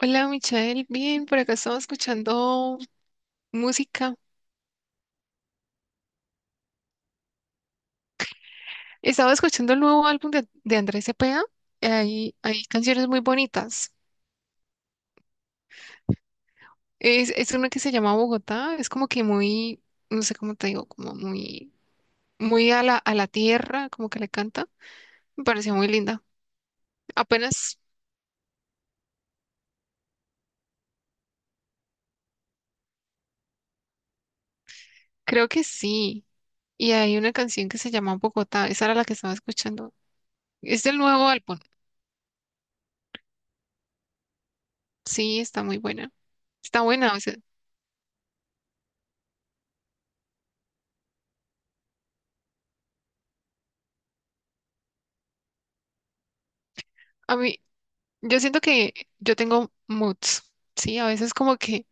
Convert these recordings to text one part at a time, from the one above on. Hola, Michelle. Bien, por acá estaba escuchando música. Estaba escuchando el nuevo álbum de Andrés Cepeda. Hay canciones muy bonitas. Es una que se llama Bogotá. Es como que muy, no sé cómo te digo, como muy, muy a la tierra, como que le canta. Me pareció muy linda. Apenas, creo que sí. Y hay una canción que se llama Bogotá. Esa era la que estaba escuchando. Es del nuevo álbum. Sí, está muy buena. Está buena. O sea, a mí, yo siento que yo tengo moods, ¿sí? A veces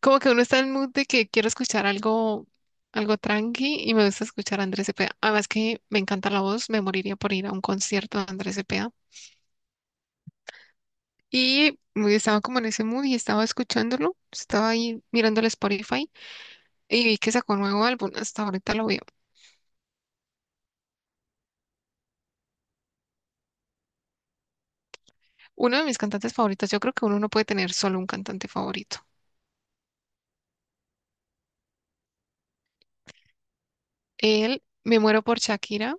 como que uno está en el mood de que quiero escuchar algo, algo tranqui y me gusta escuchar a Andrés Cepeda. Además que me encanta la voz, me moriría por ir a un concierto de Andrés Cepeda. Y me- estaba como en ese mood y estaba escuchándolo, estaba ahí mirando el Spotify y vi que sacó un nuevo álbum, hasta ahorita lo veo. Uno de mis cantantes favoritos, yo creo que uno no puede tener solo un cantante favorito. Él, me muero por Shakira.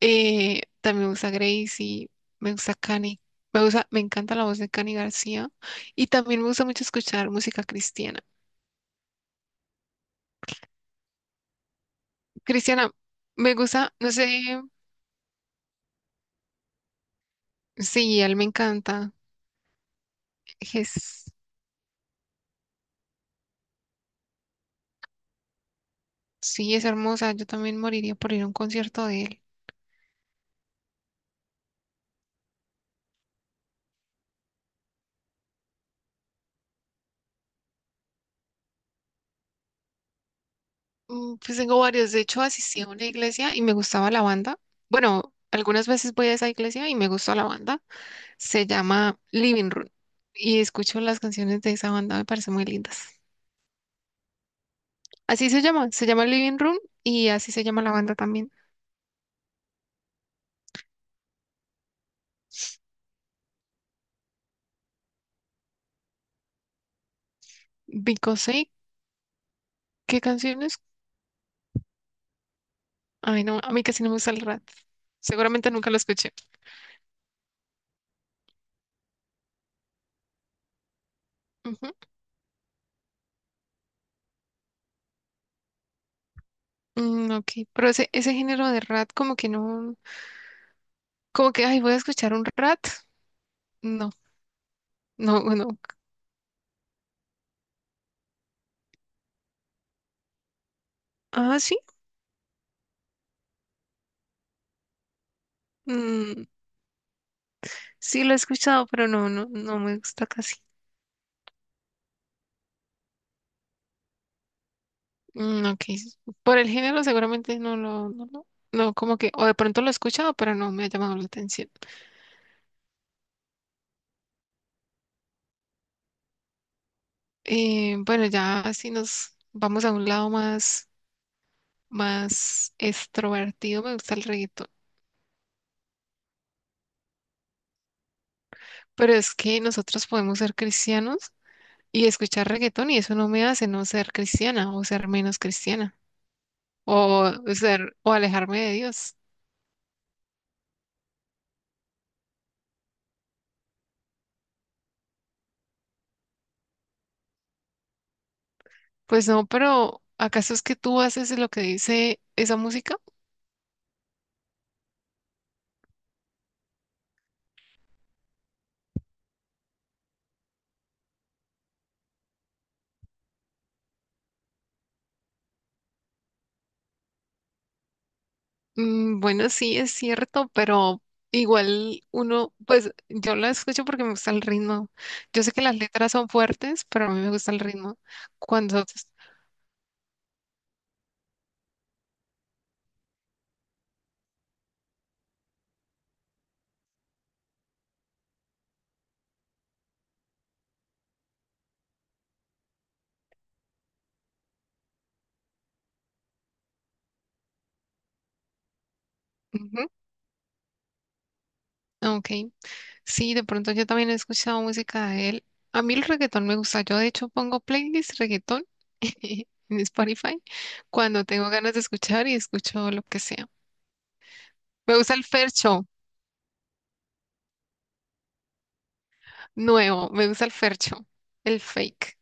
También me gusta Gracie, me gusta Cani, me gusta, me encanta la voz de Cani García y también me gusta mucho escuchar música cristiana. Cristiana, me gusta, no sé, sí, él me encanta, es, sí, es hermosa, yo también moriría por ir a un concierto de él. Pues tengo varios, de hecho asistí a una iglesia y me gustaba la banda. Bueno, algunas veces voy a esa iglesia y me gustó la banda, se llama Living Room y escucho las canciones de esa banda, me parecen muy lindas. Así se llama Living Room y así se llama la banda también. Because I, ¿qué canciones? Ay, no, a mí casi no me gusta el rap. Seguramente nunca lo escuché. Ujú. Ok, pero ese género de rap como que no, como que, ay, voy a escuchar un rap. No, no, no. Ah, sí, mm, sí lo he escuchado, pero no, no, no me gusta casi. Mm, ok, por el género seguramente no lo, no, no, no, como que, o de pronto lo he escuchado, pero no me ha llamado la atención. Bueno, ya si nos vamos a un lado más, más extrovertido, me gusta el reggaetón. Pero es que nosotros podemos ser cristianos y escuchar reggaetón y eso no me hace no ser cristiana o ser menos cristiana o ser o alejarme de Dios. Pues no, pero ¿acaso es que tú haces lo que dice esa música? Bueno, sí, es cierto, pero igual uno, pues yo la escucho porque me gusta el ritmo. Yo sé que las letras son fuertes, pero a mí me gusta el ritmo. Cuando... Ujú, ok, sí, de pronto yo también he escuchado música de él. A mí el reggaetón me gusta. Yo de hecho pongo playlist reggaetón en Spotify cuando tengo ganas de escuchar y escucho lo que sea. Me gusta el fercho nuevo, me gusta el fercho, el fake.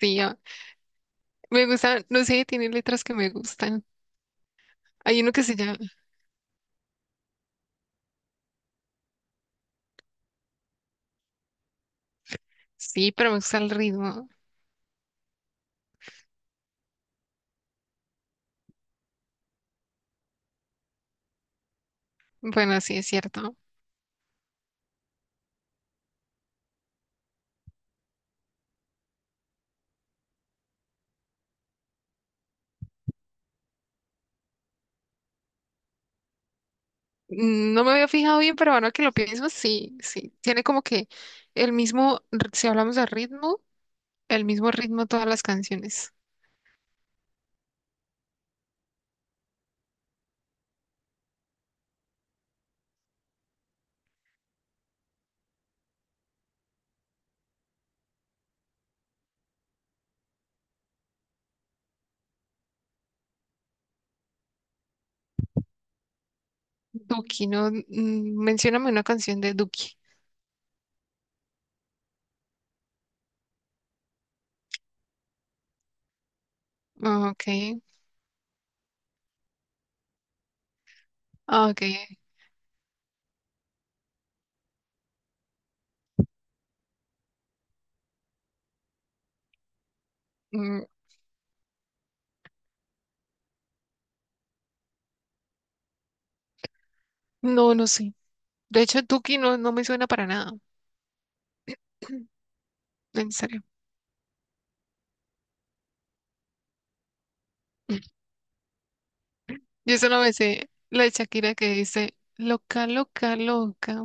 Sí, ah, me gusta, no sé, tiene letras que me gustan. Hay uno que se llama, sí, pero me gusta el ritmo. Bueno, sí, es cierto. No me había fijado bien, pero ahora que lo pienso, sí, sí. Tiene como que el mismo, r- si hablamos de ritmo, el mismo ritmo todas las canciones. Duki, ¿no? Mencióname una canción de Duki. Ah, ok, ah, ok. Mm, No, no sé. De hecho, Duki no, no me suena para nada, en serio. Yo solo me sé la de Shakira que dice, loca, loca, loca.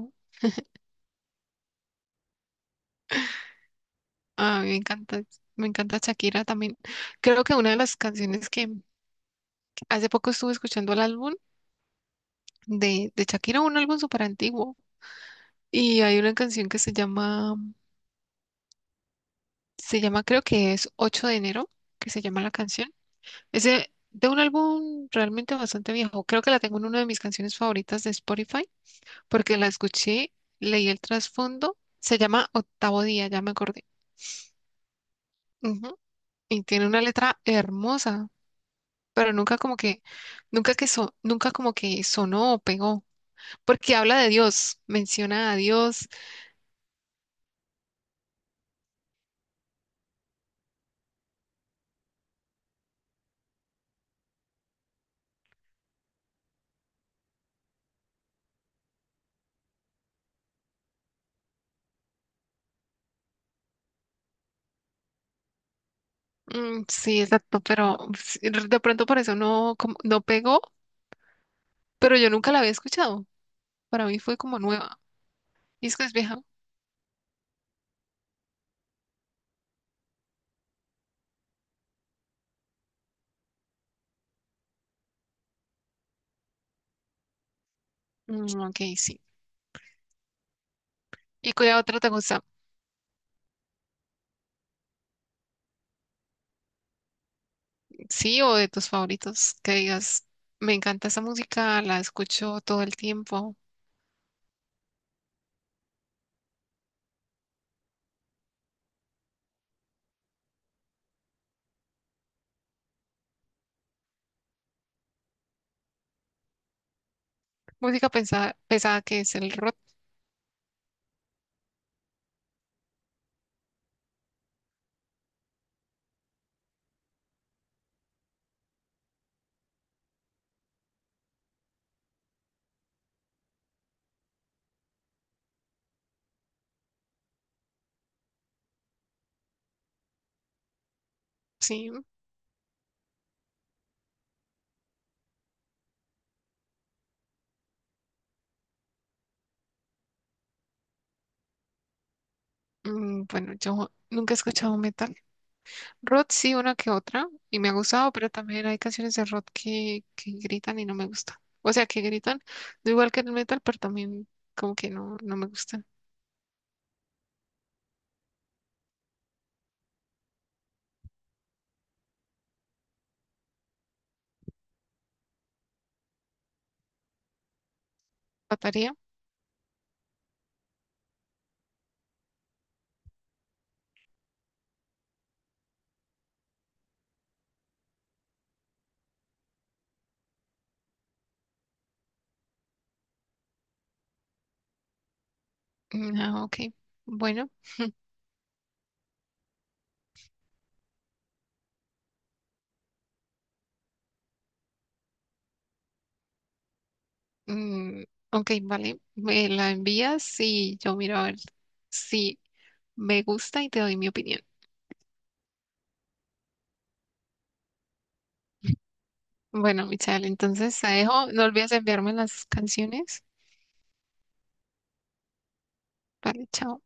Ah, me encanta Shakira también. Creo que una de las canciones que hace poco estuve escuchando el álbum de Shakira, un álbum súper antiguo, y hay una canción que se llama creo que es 8 de enero, que se llama la canción. Es de un álbum realmente bastante viejo. Creo que la tengo en una de mis canciones favoritas de Spotify, porque la escuché, leí el trasfondo. Se llama Octavo Día, ya me acordé. Ujú. Y tiene una letra hermosa. Pero nunca como que, nunca que so- nunca como que sonó o pegó, porque habla de Dios, menciona a Dios, mm, sí, exacto, pero sí, de pronto por eso no, como- no pegó, pero yo nunca la había escuchado, para mí fue como nueva, y es que es vieja, mm, ok, sí, ¿y cuál otra te gusta? Sí, o de tus favoritos, que digas, me encanta esa música, la escucho todo el tiempo, música pesada, pesada que es el rock, sí, mm, bueno, yo nunca he escuchado metal. Rod sí, una que otra, y me ha gustado, pero también hay canciones de Rod que gritan y no me gustan. O sea, que gritan, no igual que el metal, pero también como que no, no me gustan. ¿Pataría? Ah, ok. Bueno, mm, ok, vale. Me la envías y yo miro a ver si me gusta y te doy mi opinión. Bueno, Michelle, entonces te dejo. No olvides enviarme las canciones. Vale, chao.